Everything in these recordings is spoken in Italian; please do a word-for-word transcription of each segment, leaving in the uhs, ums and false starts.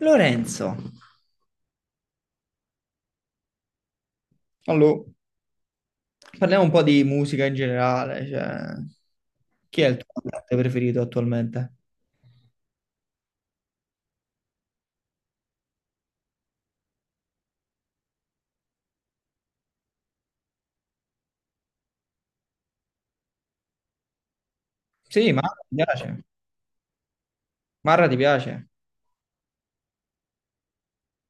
Lorenzo. Allora, parliamo un po' di musica in generale, cioè, chi è il tuo cantante preferito attualmente? Sì, Marra ti piace. Marra ti piace?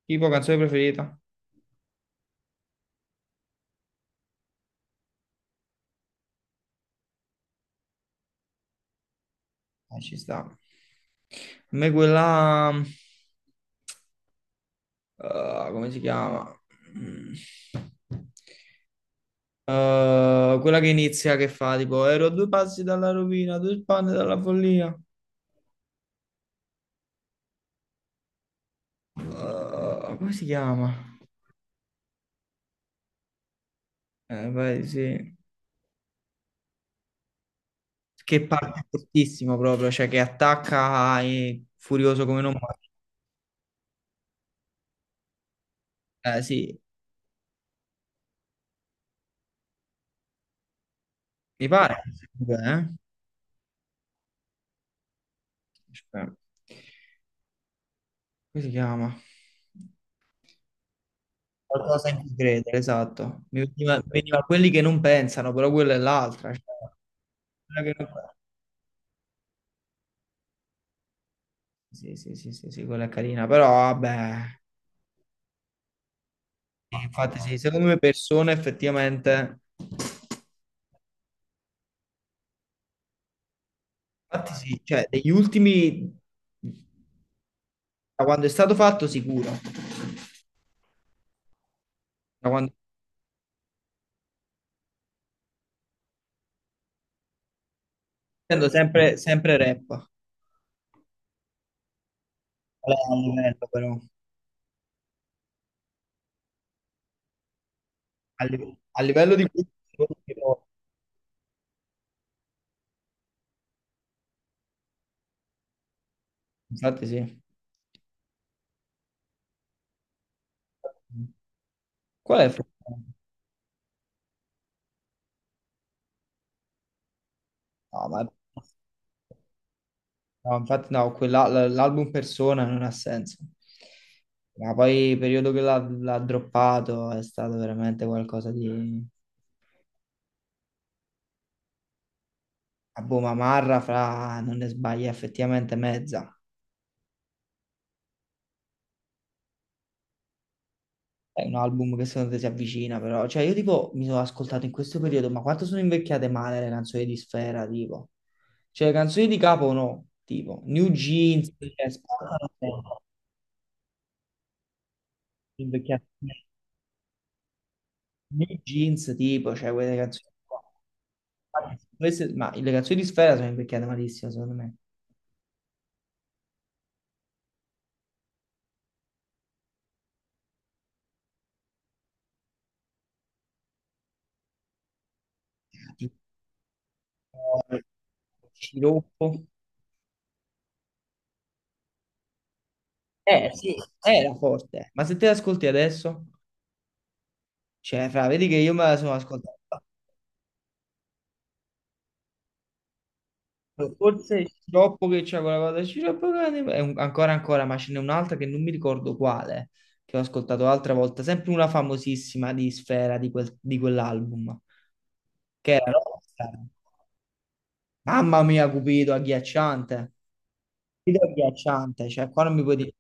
Tipo canzone preferita? Ah, ci sta. A me quella... eh, Come si chiama? Mm. Eh, quella che inizia, che fa tipo ero a due passi dalla rovina, due spanne dalla follia. Eh, come si chiama? Eh, vai, sì. Che parte fortissimo proprio, cioè che attacca e furioso come non muore. Eh, sì, mi pare. Eh? Aspetta. Come si chiama? Qualcosa in cui credere, esatto. Mi veniva, veniva quelli che non pensano, però quella è l'altra. Cioè, quella che non pensa. Sì, sì, sì, sì, sì, quella è carina, però vabbè. Sì, infatti sì, secondo me persone effettivamente. Infatti sì, cioè degli ultimi, da quando è stato fatto sicuro, da quando. Sento sempre, sempre rap. Qual è il livello, però? A, li- a livello di infatti sì. Qual è il problema? No, ma no, infatti no, quella- l- l'album Persona non ha senso. Ma poi il periodo che l'ha l'ha droppato è stato veramente qualcosa di. A boh, ma Marra fra non ne sbaglia effettivamente mezza. È un album che secondo te si avvicina, però. Cioè, io tipo mi sono ascoltato in questo periodo, ma quanto sono invecchiate male le canzoni di Sfera, tipo. Cioè, canzoni di Capo no, tipo New Jeans, cioè, spaccano sempre, invecchiati. New Jeans, tipo, cioè, quelle canzoni qua. Infatti, Queste- ma le canzoni di Sfera sono invecchiate malissimo, secondo me. Tipo, Sciroppo. Eh sì, era forte, ma se te le ascolti adesso, cioè, fra, vedi che io me la sono ascoltata. Forse dopo che c'è quella cosa, il Sciroppo Cane, è un- ancora ancora, ma ce n'è un'altra che non mi ricordo quale, che ho ascoltato l'altra volta, sempre una famosissima di Sfera di, quel- di quell'album, che era Rockstar. Mamma mia, Cupido, agghiacciante. Cupido agghiacciante, cioè qua non mi puoi dire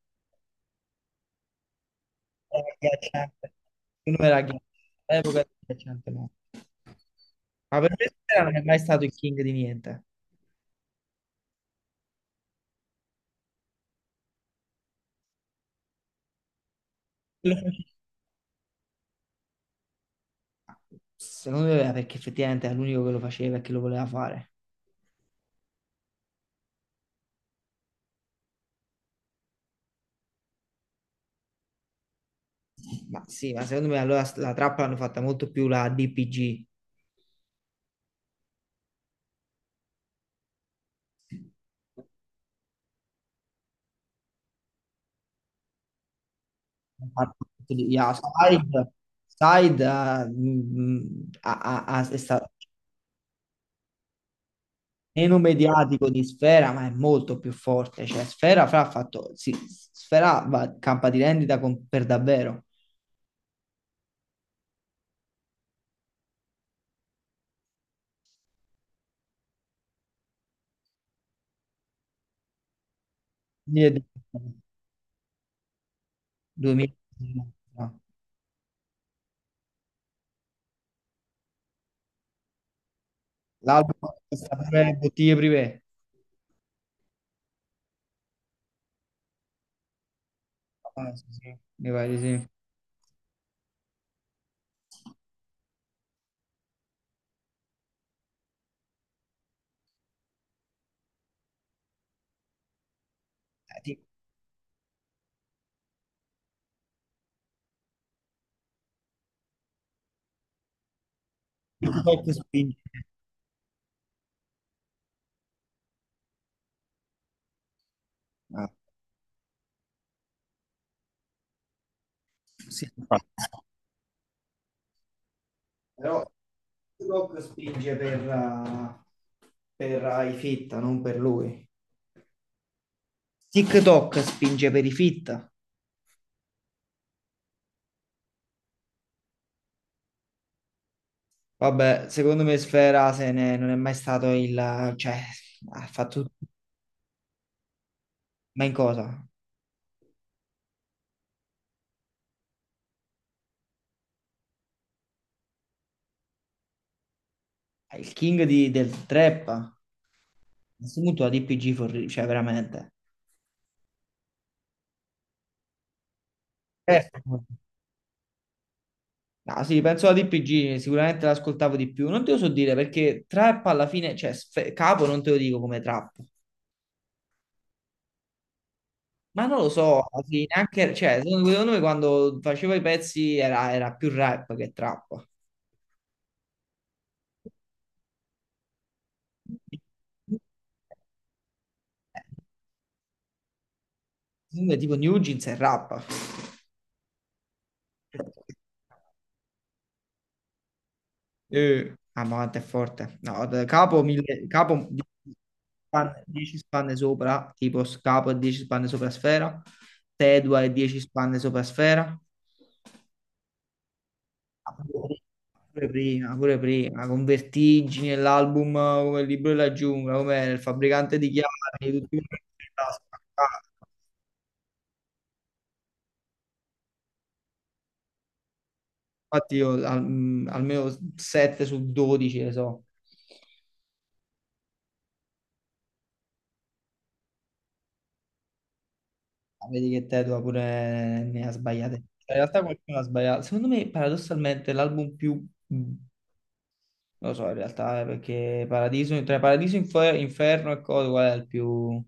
era agghiacciante. Il numero era agghiacciante, all'epoca era agghiacciante, no. Ma per me Sfera non è mai stato il king di niente. Lo faceva- Secondo me era perché effettivamente era l'unico che lo faceva e che lo voleva fare. Ma sì, ma secondo me allora la trappola l'hanno fatta molto più la D P G. Yeah, Side, Side ah, mm, ha- ha- ha- è stato meno mediatico di Sfera, ma è molto più forte. Cioè, Sfera fra ha fatto, sì, Sfera va, campa di rendita con- per davvero. Quindi è duemila. L'altro è stato pure bottiglie privé. Ah, sì, sì, mi pare di sì. Eh, ti- Ti tocca spingere. Ah, sì. Però TikTok spinge per, eh, per eh, i fitta, non per lui. TikTok spinge per i fitta. Vabbè, secondo me Sfera se ne, non è mai stato il, cioè, ha fatto. Ma in cosa? È il king di- del trap. A questo punto la D P G, for- cioè veramente. Certo. No, sì, penso alla D P G, sicuramente l'ascoltavo di più. Non te lo so dire perché trap alla fine, cioè sfe- Capo non te lo dico come trap. Ma non lo so, alla fine, anche, cioè, secondo secondo me quando facevo i pezzi era, era più rap che trap. Secondo me tipo New Jeans è rap. Eh, ah, ma quanto è forte. No, d- Capo, mille, Capo dieci spanne dieci spanne sopra, tipo s- Capo e dieci spanne sopra Sfera, Tedua e dieci spanne sopra Sfera. Ah, pure prima, pure prima, con Vertigine, l'album eh, come il libro della giungla, come il fabbricante di chiavi, tutti quelli che la spaccavano. Infatti io al- mm, almeno sette su dodici le so. Ah, vedi che Tedua pure ne ha sbagliate. Cioè, in realtà qualcuno ha sbagliato. Secondo me, paradossalmente, l'album più, mm, non lo so, in realtà, eh, perché Paradiso, tra Paradiso, Infer- Inferno e Code, qual è il più.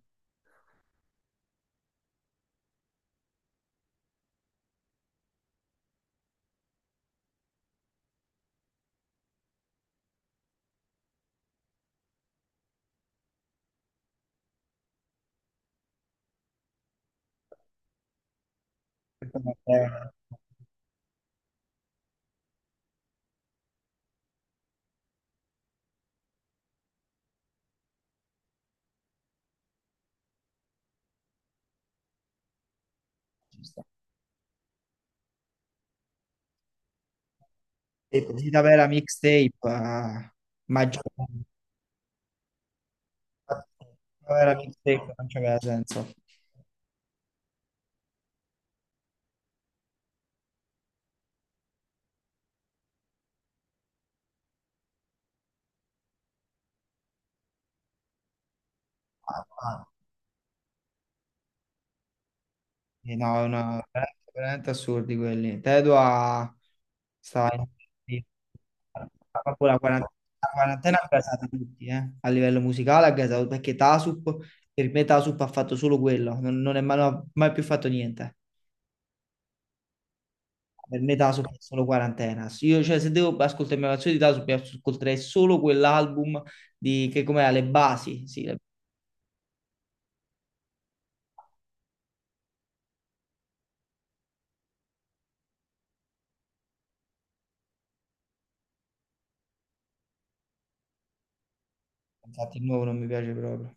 Eh, e Vita vera mixtape, eh, maggiore. No, era milkshake, non c'aveva senso. E no, è una... veramente, veramente assurdi quelli. Tedua sta in... in- proprio la quarantena, la quarantena ha gasato tutti, eh. A livello musicale ha gasato, perché Tasup, per me Tasup ha fatto solo quello, non, non è mai, non ha mai più fatto niente. Per me Tasup è solo quarantena. Io, cioè, se devo ascoltare una canzone di Tasup, io ascolterei solo quell'album di, che com'è? Le basi, sì, le- infatti il nuovo non mi piace proprio.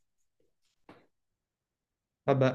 Vabbè.